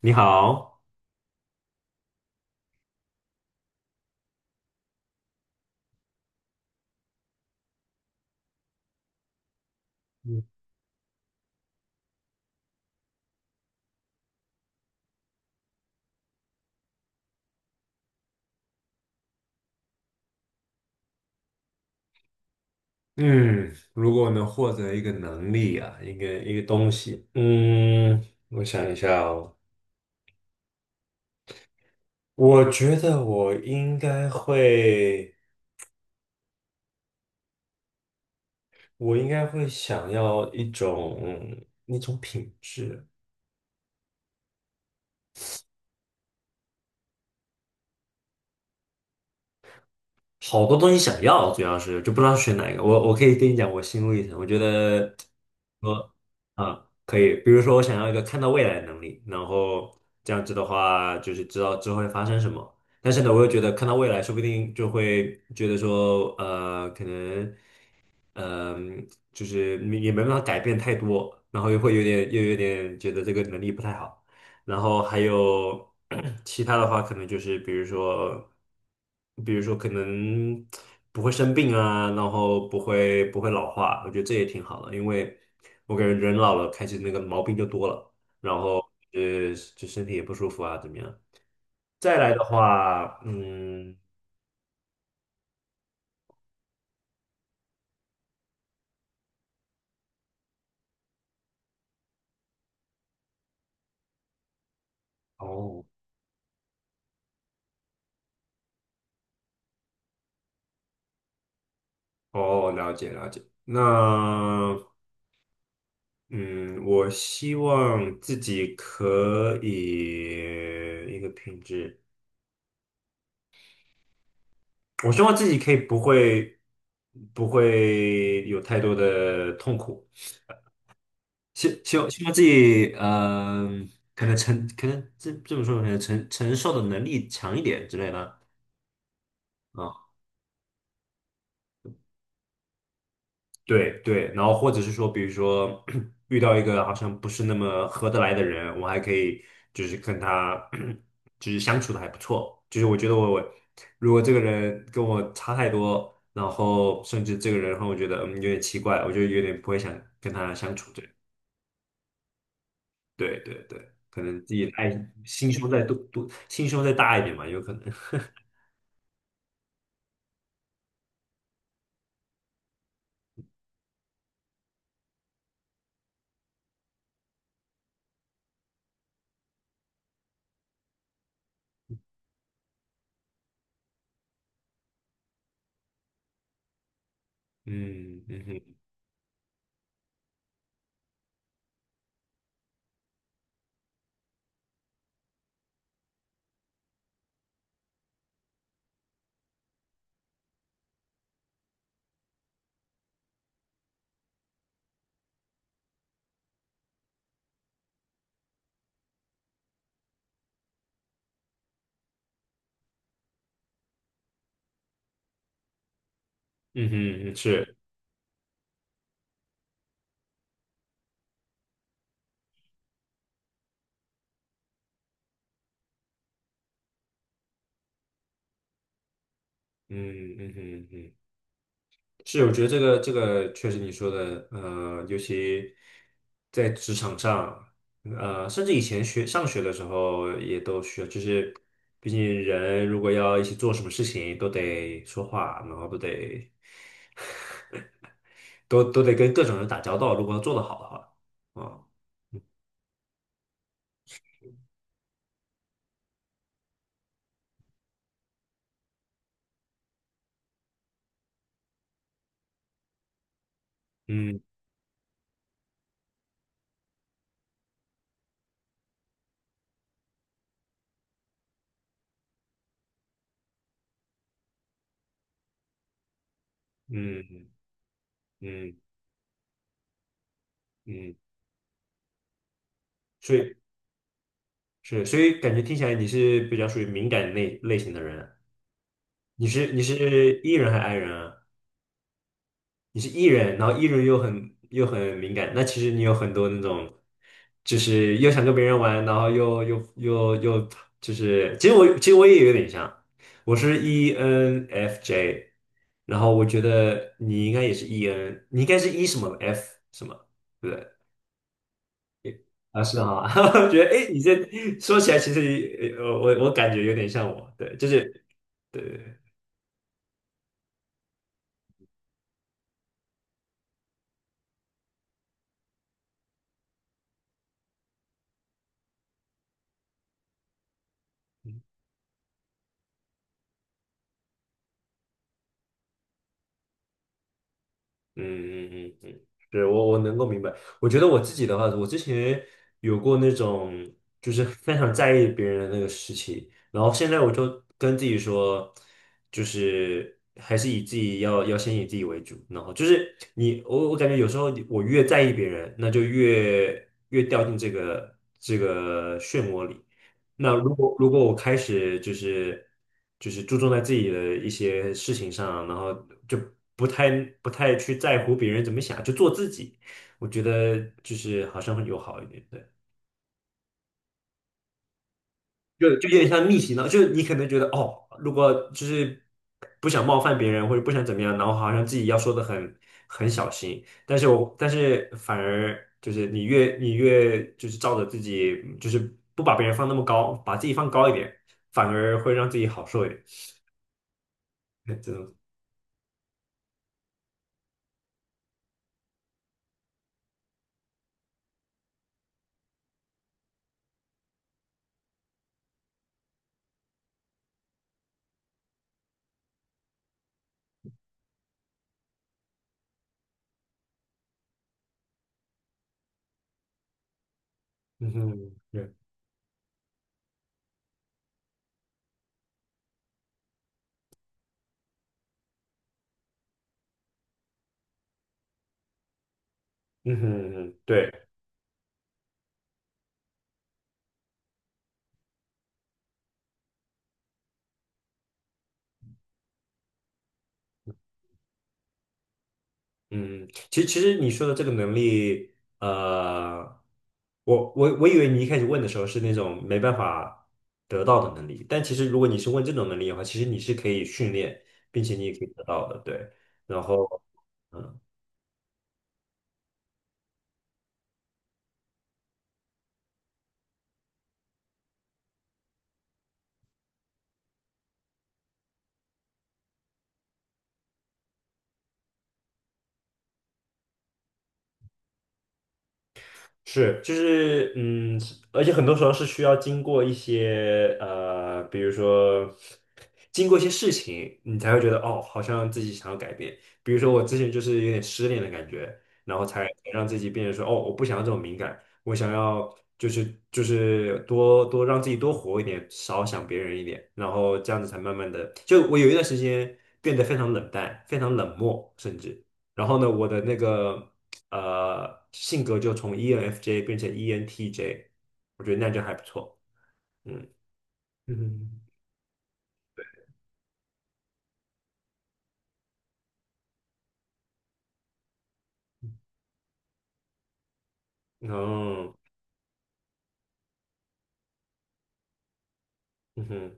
你好。嗯。嗯如果能获得一个能力啊，一个东西，我想一下哦。我觉得我应该会想要一种那种品质。好多东西想要，主要是就不知道选哪一个。我可以跟你讲我心路历程，我觉得我，啊，可以。比如说我想要一个看到未来的能力，然后这样子的话就是知道之后会发生什么。但是呢，我又觉得看到未来，说不定就会觉得说，可能。嗯，就是你也没办法改变太多，然后又会有点又有点觉得这个能力不太好。然后还有 其他的话，可能就是比如说可能不会生病啊，然后不会老化，我觉得这也挺好的，因为我感觉人老了开始那个毛病就多了。然后呃就身体也不舒服啊，怎么样？再来的话，嗯。哦哦，了解了解。那，嗯，我希望自己可以一个品质，我希望自己可以不会有太多的痛苦，希望自己可能这么说可能承受的能力强一点之类的。啊。对对，然后或者是说，比如说 遇到一个好像不是那么合得来的人，我还可以就是跟他 就是相处的还不错。就是我觉得我如果这个人跟我差太多，然后甚至这个人让我觉得有点奇怪，我就有点不会想跟他相处。对对对对，可能自己爱，心胸再大一点嘛，有可能。嗯，嗯哼，嗯哼，嗯，是，嗯，嗯哼，嗯哼。是，我觉得这个确实你说的，尤其在职场上，甚至以前上学的时候也都需要，就是毕竟人如果要一起做什么事情，都得说话，然后都得跟各种人打交道，如果要做得好的话，啊。嗯，嗯，嗯，嗯，所以是，感觉听起来你是比较属于敏感类型的人啊。你是 E 人还是 I 人啊？你是 E 人，然后 E 人又很敏感。那其实你有很多那种，就是又想跟别人玩，然后又就是，其实我也有点像，我是 ENFJ。然后我觉得你应该也是 EN,你应该是 E 什么 F 什么，对不对？啊，是哈。我觉得哎，诶你这说起来其实我感觉有点像我，对，就是。对。对对。嗯，嗯，嗯，嗯，对，我能够明白。我觉得我自己的话，我之前有过那种就是非常在意别人的那个时期，然后现在我就跟自己说，就是还是以自己要先以自己为主。然后就是你，我感觉有时候我越在意别人，那就越掉进这个漩涡里。那如果我开始就是注重在自己的一些事情上，然后就不太不太去在乎别人怎么想，就做自己，我觉得就是好像会有好一点。对。就有点像逆袭呢，就是你可能觉得哦，如果就是不想冒犯别人或者不想怎么样，然后好像自己要说的很小心，但是我，反而就是你越就是照着自己，就是不把别人放那么高，把自己放高一点，反而会让自己好受一点。这种。嗯哼，对，嗯哼，嗯哼，对。嗯，其实你说的这个能力，我以为你一开始问的时候是那种没办法得到的能力，但其实如果你是问这种能力的话，其实你是可以训练，并且你也可以得到的，对。然后，嗯。是，就是，而且很多时候是需要经过一些比如说经过一些事情，你才会觉得哦，好像自己想要改变。比如说我之前就是有点失恋的感觉，然后才让自己变成说哦，我不想要这种敏感，我想要就是多多让自己多活一点，少想别人一点，然后这样子才慢慢的，就我有一段时间变得非常冷淡，非常冷漠，甚至。然后呢，我的那个性格就从 ENFJ 变成 ENTJ,我觉得那就还不错。嗯，嗯，哦，嗯哼。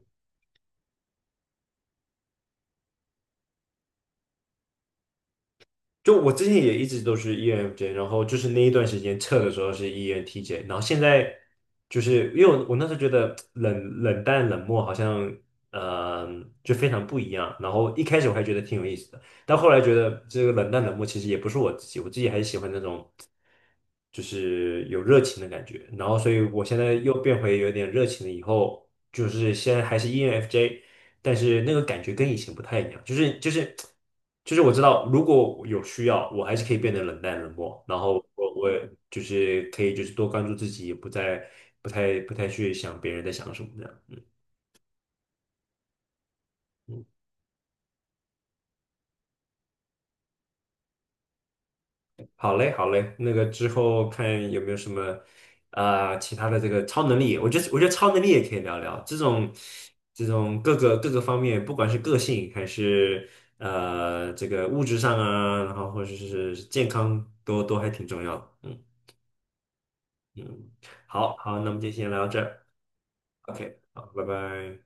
就我之前也一直都是 ENFJ,然后就是那一段时间测的时候是 ENTJ,然后现在就是因为我那时候觉得冷淡冷漠好像呃就非常不一样，然后一开始我还觉得挺有意思的，但后来觉得这个冷淡冷漠其实也不是我自己，我自己还是喜欢那种就是有热情的感觉，然后所以我现在又变回有点热情了，以后就是现在还是 ENFJ,但是那个感觉跟以前不太一样，就是我知道，如果有需要，我还是可以变得冷淡冷漠，然后我也就是可以就是多关注自己，也不再不太去想别人在想什么这样。嗯，嗯。好嘞，好嘞，那个之后看有没有什么其他的这个超能力，我觉得超能力也可以聊聊，这种各个方面，不管是个性还是这个物质上啊，然后或者是健康都还挺重要的。嗯，嗯。好好，那我们就先聊到这儿，OK,好，拜拜。